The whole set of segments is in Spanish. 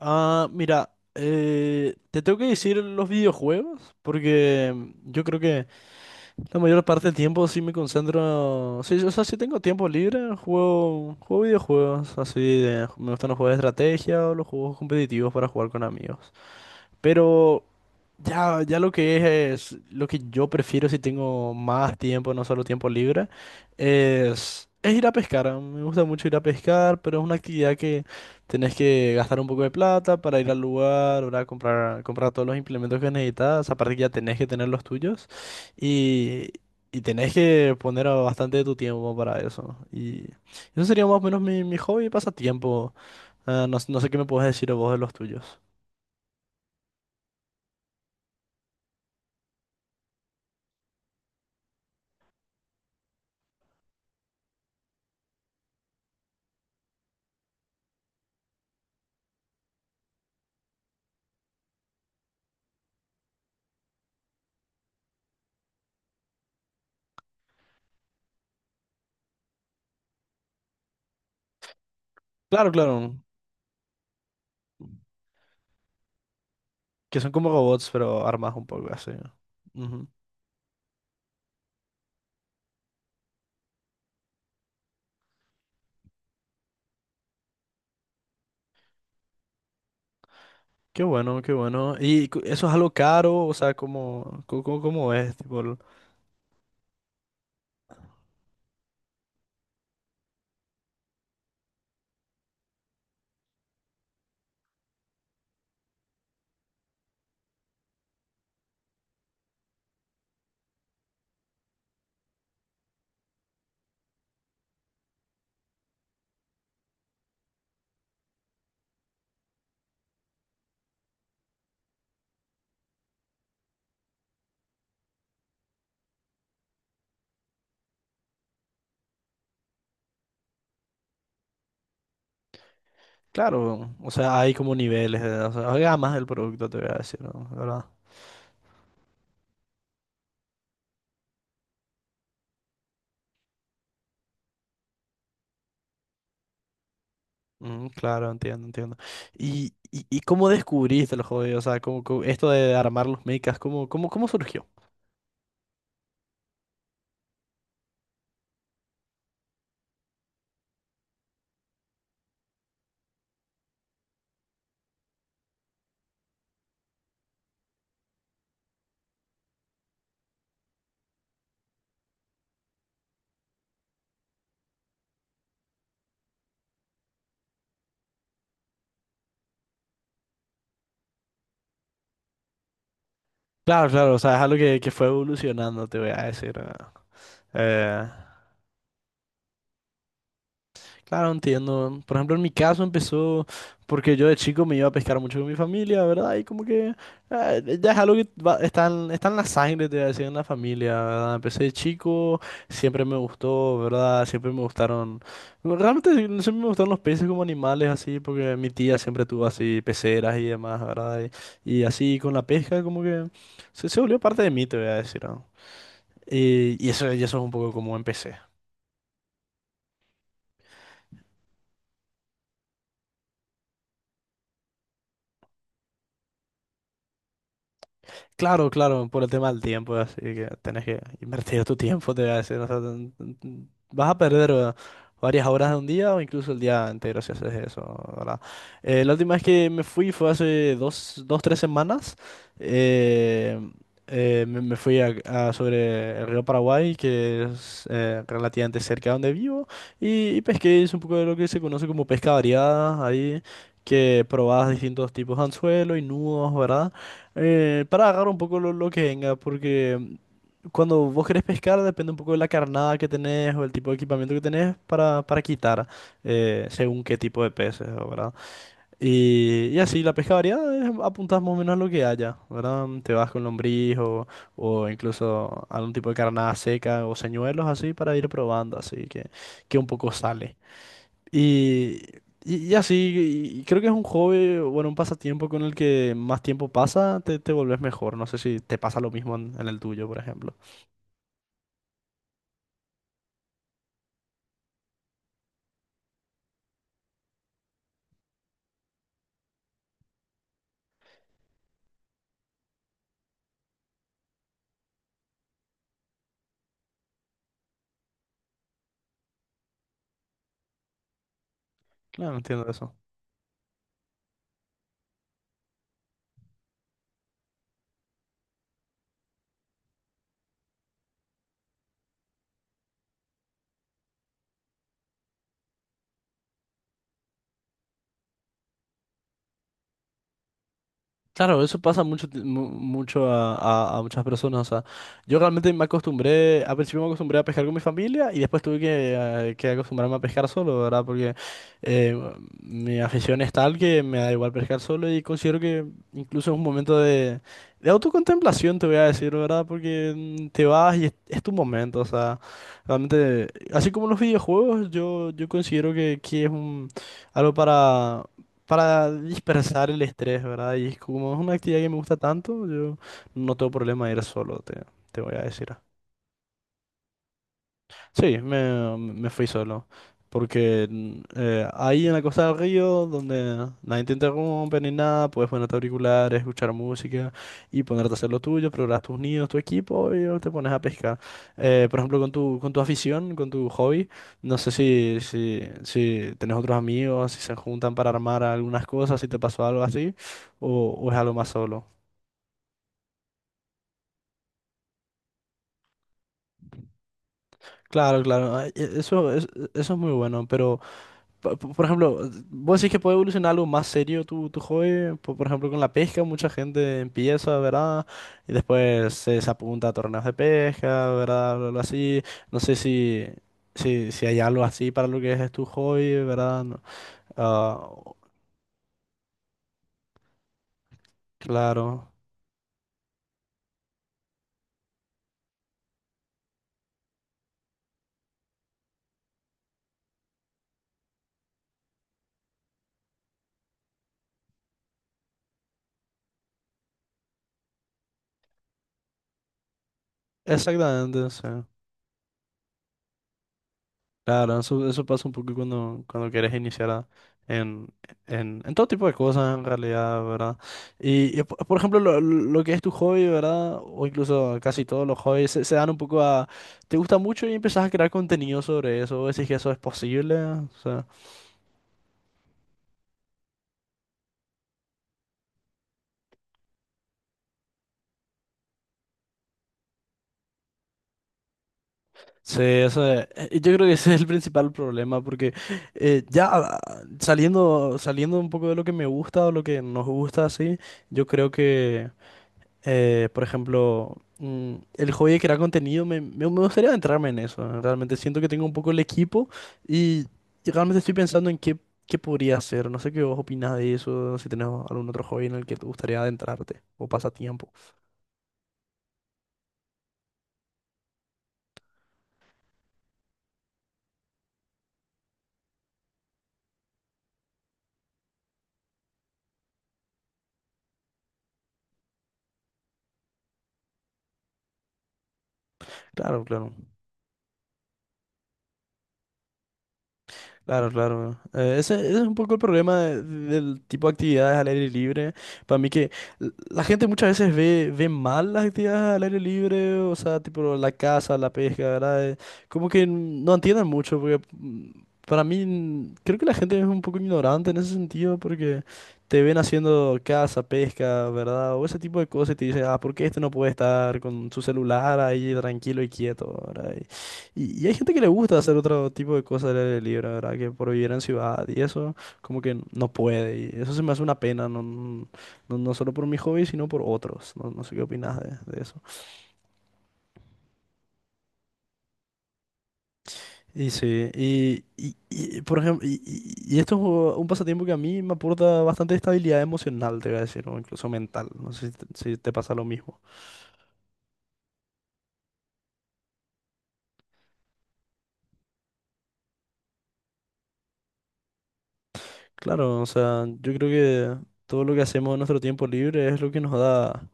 Ah, mira, te tengo que decir los videojuegos, porque yo creo que la mayor parte del tiempo sí me concentro, sí, o sea, si tengo tiempo libre, juego videojuegos, me gustan los juegos de estrategia o los juegos competitivos para jugar con amigos. Pero ya lo que es lo que yo prefiero si tengo más tiempo, no solo tiempo libre, es ir a pescar. Me gusta mucho ir a pescar, pero es una actividad que tenés que gastar un poco de plata para ir al lugar, ¿verdad? Comprar todos los implementos que necesitas. Aparte que ya tenés que tener los tuyos y, y tenés que poner bastante de tu tiempo para eso. Y eso sería más o menos mi hobby y pasatiempo. Ah, no, no sé qué me puedes decir vos de los tuyos. Claro, claro. Que son como robots, pero armados un poco así. Ujú. Qué bueno, qué bueno. ¿Y eso es algo caro? O sea, ¿cómo, cómo es? Claro, o sea, hay como niveles, de, o sea, hay gamas del producto, te voy a decir, ¿no? ¿Verdad? Claro, entiendo, entiendo. Y cómo descubriste el hobby? O sea, esto de armar los mechas, ¿cómo, cómo, cómo surgió? Claro, claro, o sea, es algo que fue evolucionando, te voy a decir, ¿verdad? Eh, Claro, entiendo. Por ejemplo, en mi caso empezó porque yo de chico me iba a pescar mucho con mi familia, ¿verdad? Y como que ya es algo que está en, está en la sangre, te voy a decir, en la familia, ¿verdad? Empecé de chico, siempre me gustó, ¿verdad? Siempre me gustaron, realmente sí, siempre me gustaron los peces como animales, así, porque mi tía siempre tuvo así peceras y demás, ¿verdad? Y así con la pesca como que se volvió parte de mí, te voy a decir, ¿no? Y eso es un poco como empecé. Claro, claro, por el tema del tiempo, así que tenés que invertir tu tiempo, te voy a decir. O sea, n- vas a perder varias horas de un día o incluso el día entero si haces eso, ¿verdad? La última vez que me fui fue hace dos, dos, tres semanas. eh, me fui a sobre el río Paraguay, que es relativamente cerca de donde vivo, y pesqué, hice un poco de lo que se conoce como pesca variada ahí, que probabas distintos tipos de anzuelo y nudos, ¿verdad? Para agarrar un poco lo que venga, porque cuando vos querés pescar depende un poco de la carnada que tenés o el tipo de equipamiento que tenés para quitar, según qué tipo de peces, ¿verdad? Y así, la pesca variada es apuntás más o menos a lo que haya, ¿verdad? Te vas con lombriz o incluso algún tipo de carnada seca o señuelos así para ir probando, así que un poco sale. Y, y así, y creo que es un hobby, bueno, un pasatiempo con el que más tiempo pasa, te volvés mejor. No sé si te pasa lo mismo en el tuyo, por ejemplo. Claro, entiendo eso. Claro, eso pasa mucho, mucho a, a muchas personas. O sea, yo realmente me acostumbré, al principio me acostumbré a pescar con mi familia y después tuve que acostumbrarme a pescar solo, ¿verdad? Porque eh, mi afición es tal que me da igual pescar solo y considero que incluso es un momento de autocontemplación, te voy a decir, ¿verdad? Porque te vas y es tu momento, o sea, realmente, así como los videojuegos, yo considero que es un, algo para dispersar el estrés, ¿verdad? Y es como es una actividad que me gusta tanto, yo no tengo problema de ir solo, te voy a decir. Sí, me fui solo. Porque ahí en la costa del río, donde nadie te interrumpe ni nada, puedes ponerte auriculares, escuchar música y ponerte a hacer lo tuyo, preparar tus nidos, tu equipo y luego te pones a pescar. Por ejemplo, con tu afición, con tu hobby, no sé si, si, si tenés otros amigos, si se juntan para armar algunas cosas, si te pasó algo así, o es algo más solo. Claro, claro, ah, eso, eso es muy bueno, pero... por ejemplo, vos decís que puede evolucionar algo más serio tu, tu hobby. Por ejemplo, con la pesca, mucha gente empieza, ¿verdad? Y después se, se apunta a torneos de pesca, ¿verdad? Algo algo así. No sé si, si, si hay algo así para lo que es tu hobby, ¿verdad? No. Ah, claro. Exactamente, sí. Claro, eso pasa un poco cuando, cuando quieres en, en todo tipo de cosas, en realidad, ¿verdad? Y por ejemplo, lo que es tu hobby, ¿verdad? O incluso casi todos los hobbies se, se dan un poco a... ¿Te gusta mucho y empezás a crear contenido sobre eso? ¿O decís que eso es posible? O sea, sí, yo creo que ese es el principal problema, porque eh, ya ah, saliendo, saliendo un poco de lo que me gusta o lo que nos gusta, así, yo creo que... Por ejemplo, el hobby de crear contenido, me, me gustaría entrarme en eso, ¿no? Realmente siento que tengo un poco el equipo y, y realmente estoy pensando en qué, qué podría hacer. No sé qué vos opinás de eso, si tenés algún otro hobby en el que te gustaría adentrarte o pasatiempo. Claro, claro. Claro, claro. Ese, ese es un poco el problema del tipo de actividades al aire libre. Para mí que la gente muchas veces ve, ve mal las actividades al aire libre, o sea, tipo la caza, la pesca, ¿verdad? Como que no entienden mucho, porque para mí creo que la gente es un poco ignorante en ese sentido, porque te ven haciendo caza, pesca, ¿verdad? O ese tipo de cosas y te dicen, ah, ¿por qué este no puede estar con su celular ahí tranquilo y quieto, ¿verdad? Y hay gente que le gusta hacer otro tipo de cosas al aire libre, la ¿verdad? Que por vivir en ciudad y eso, como que no puede. Y eso se me hace una pena, no, no, no solo por mi hobby, sino por otros. No, no sé qué opinas de eso. Y sí, y, por ejemplo, y, y esto es un pasatiempo que a mí me aporta bastante estabilidad emocional, te voy a decir, o incluso mental. No sé si te, si te pasa lo mismo. Claro, o sea, yo creo que todo lo que hacemos en nuestro tiempo libre es lo que nos da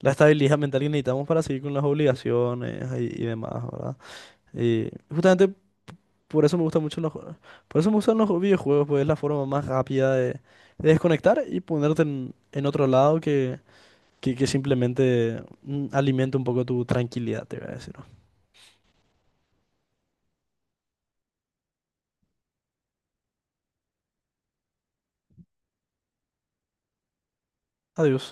la estabilidad mental que necesitamos para seguir con las obligaciones y demás, ¿verdad? Y justamente por eso me gustan mucho los, por eso me gustan los videojuegos, pues es la forma más rápida de desconectar y ponerte en otro lado que simplemente alimenta un poco tu tranquilidad, te voy a decir. Adiós.